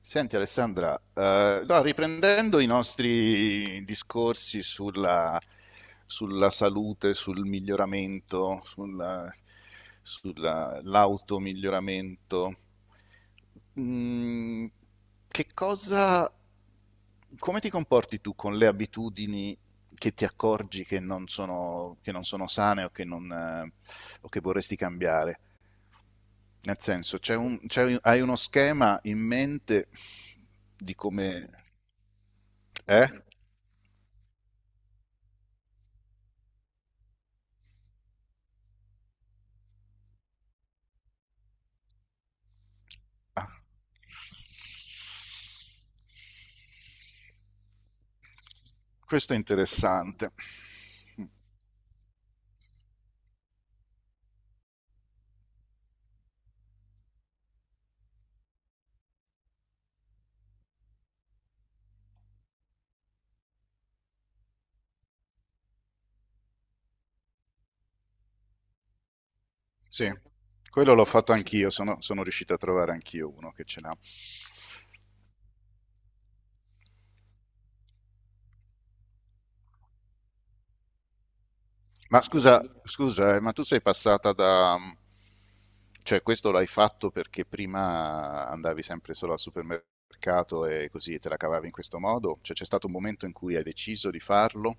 Senti Alessandra, no, riprendendo i nostri discorsi sulla, sulla salute, sul miglioramento, sull'automiglioramento, mm, che cosa, come ti comporti tu con le abitudini che ti accorgi che non sono sane o che non, o che vorresti cambiare? Nel senso, hai uno schema in mente di come... Eh? Ah, questo è interessante. Sì, quello l'ho fatto anch'io, sono riuscito a trovare anch'io uno che ce l'ha. Ma scusa, ma tu sei passata da... Cioè, questo l'hai fatto perché prima andavi sempre solo al supermercato e così te la cavavi in questo modo? Cioè, c'è stato un momento in cui hai deciso di farlo?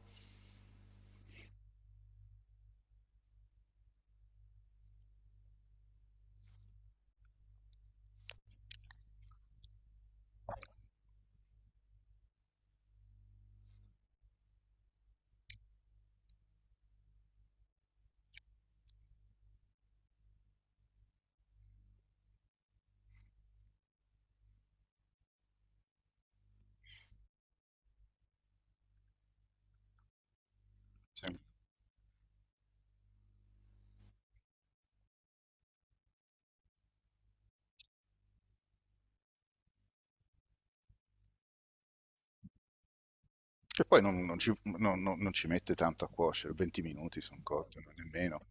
Sì. Che poi non ci mette tanto a cuocere, 20 minuti sono cotte, non nemmeno.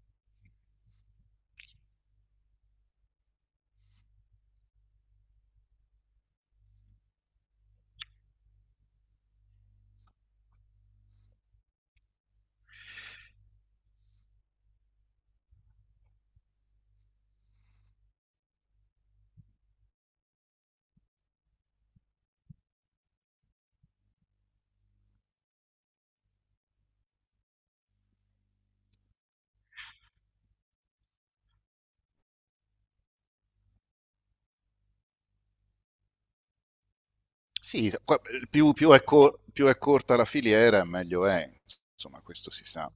Sì, qua- più è corta la filiera, meglio è, insomma, questo si sa.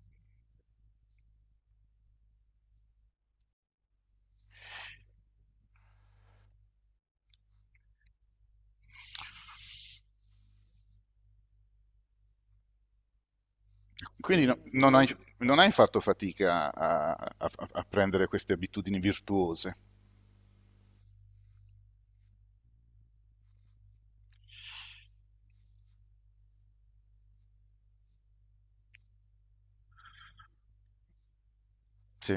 Quindi non hai, non hai fatto fatica a, a prendere queste abitudini virtuose. Sì,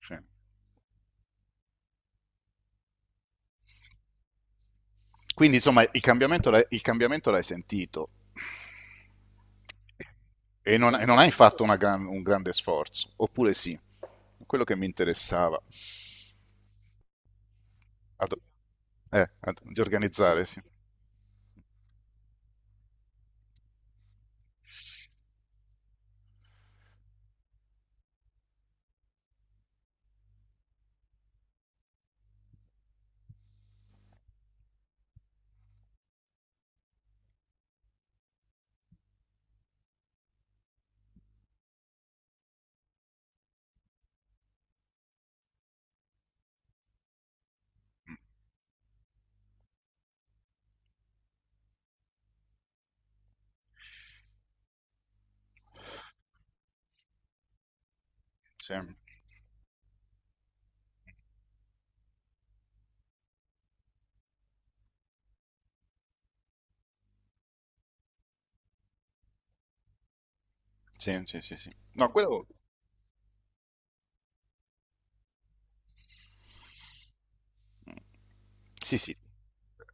sì. Quindi, insomma, il cambiamento l'hai sentito e non hai fatto un grande sforzo, oppure sì, quello che mi interessava. Ad- di organizzare, sì. Sì, sì. No, quello. Sì, sì.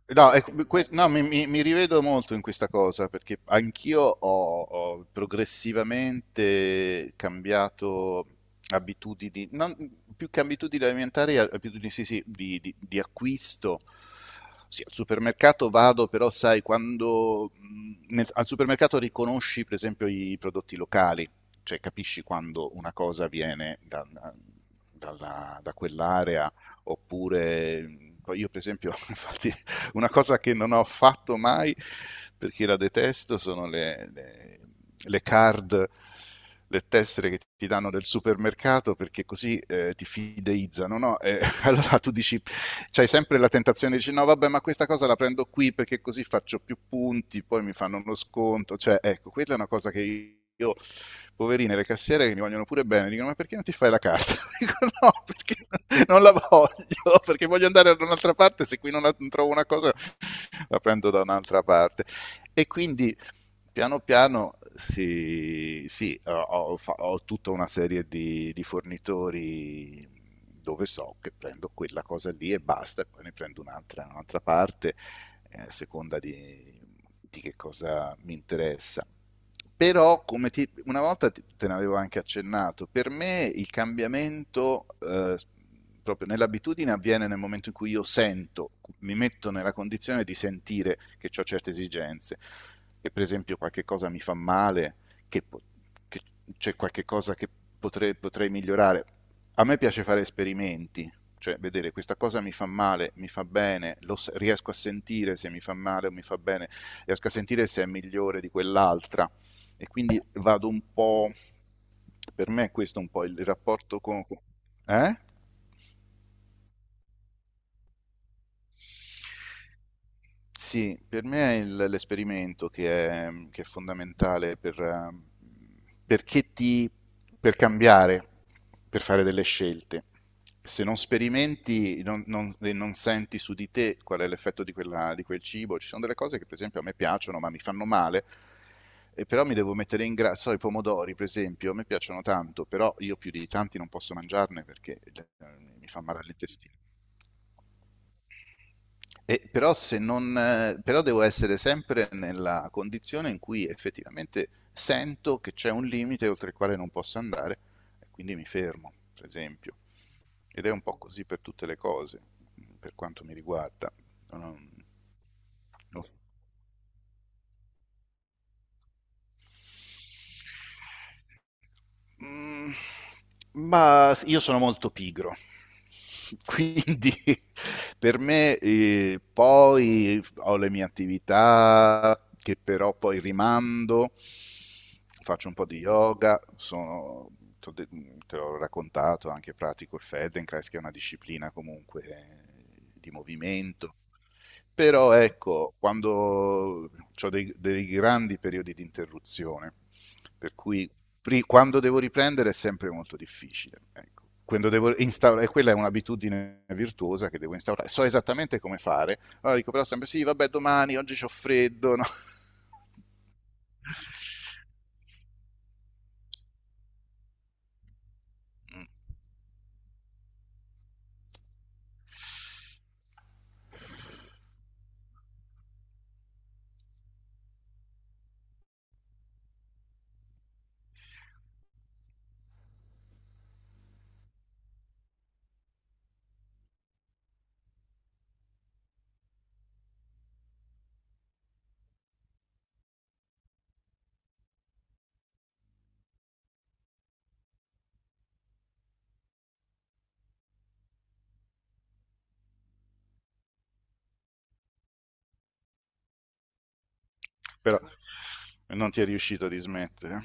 No, ecco, no, mi rivedo molto in questa cosa perché anch'io ho progressivamente cambiato abitudini, più che abitudini alimentari, abitudini sì, di acquisto. Sì, al supermercato vado, però sai, quando al supermercato riconosci per esempio i prodotti locali, cioè capisci quando una cosa viene da, da quell'area oppure io per esempio, infatti, una cosa che non ho fatto mai perché la detesto sono le card, le tessere che ti danno del supermercato perché così ti fideizzano, no? E allora tu dici, c'hai sempre la tentazione di dire no, vabbè, ma questa cosa la prendo qui perché così faccio più punti, poi mi fanno uno sconto, cioè ecco, quella è una cosa che io, poverine, le cassiere che mi vogliono pure bene, dicono ma perché non ti fai la carta? Dico no, perché non la voglio, perché voglio andare da un'altra parte, se qui non trovo una cosa la prendo da un'altra parte. E quindi piano piano sì, ho, tutta una serie di, fornitori dove so che prendo quella cosa lì e basta, e poi ne prendo un'altra, un'altra parte a seconda di che cosa mi interessa. Però come ti, una volta te ne avevo anche accennato, per me il cambiamento proprio nell'abitudine avviene nel momento in cui io sento, mi metto nella condizione di sentire che ho certe esigenze, che per esempio qualche cosa mi fa male, che, che c'è qualche cosa che potrei migliorare. A me piace fare esperimenti, cioè vedere questa cosa mi fa male, mi fa bene, riesco a sentire se mi fa male o mi fa bene, riesco a sentire se è migliore di quell'altra e quindi vado un po', per me questo è un po' il rapporto con... Eh? Sì, per me è l'esperimento che è fondamentale per, perché ti, per cambiare, per fare delle scelte. Se non sperimenti e non senti su di te qual è l'effetto di di quel cibo, ci sono delle cose che per esempio a me piacciono ma mi fanno male, e però mi devo mettere in grado, so, i pomodori per esempio, a me piacciono tanto, però io più di tanti non posso mangiarne perché eh, mi fa male all'intestino. E però, se non, però devo essere sempre nella condizione in cui effettivamente sento che c'è un limite oltre il quale non posso andare, e quindi mi fermo, per esempio. Ed è un po' così per tutte le cose, per quanto mi riguarda. Non- non- Mm, ma io sono molto pigro, quindi per me poi ho le mie attività che però poi rimando, faccio un po' di yoga, sono, t'ho de- te l'ho raccontato, anche pratico il Feldenkrais, che è una disciplina comunque di movimento. Però ecco, quando ho dei grandi periodi di interruzione, per cui quando devo riprendere è sempre molto difficile. Ecco. Quando devo instaurare, quella è un'abitudine virtuosa che devo instaurare. So esattamente come fare, allora dico però sempre sì, vabbè, domani, oggi c'ho freddo, no? Però non ti è riuscito di smettere.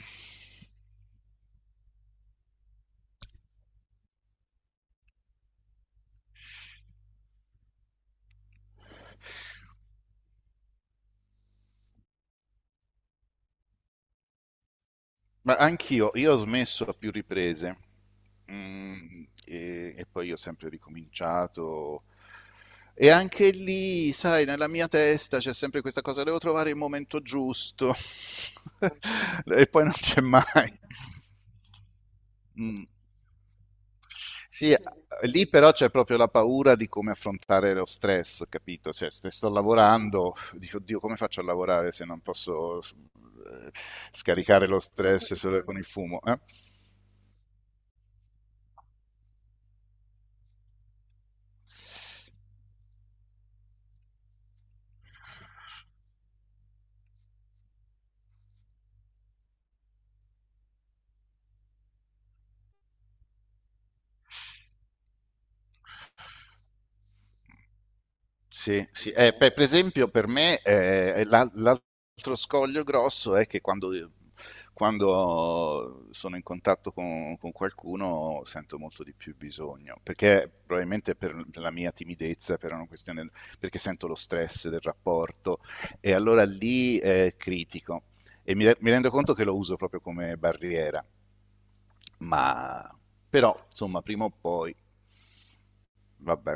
Ma anch'io, io ho smesso a più riprese. E poi ho sempre ricominciato. E anche lì, sai, nella mia testa c'è sempre questa cosa, devo trovare il momento giusto e poi non c'è mai. Mm. Sì, lì però c'è proprio la paura di come affrontare lo stress, capito? Cioè, se sto lavorando, dico, oddio, come faccio a lavorare se non posso scaricare lo stress solo con il fumo? Eh? Sì, sì. Per esempio per me l'altro scoglio grosso è che quando, quando sono in contatto con qualcuno sento molto di più bisogno, perché probabilmente per la mia timidezza, per una questione, perché sento lo stress del rapporto e allora lì critico e mi rendo conto che lo uso proprio come barriera, ma però insomma prima o poi, vabbè.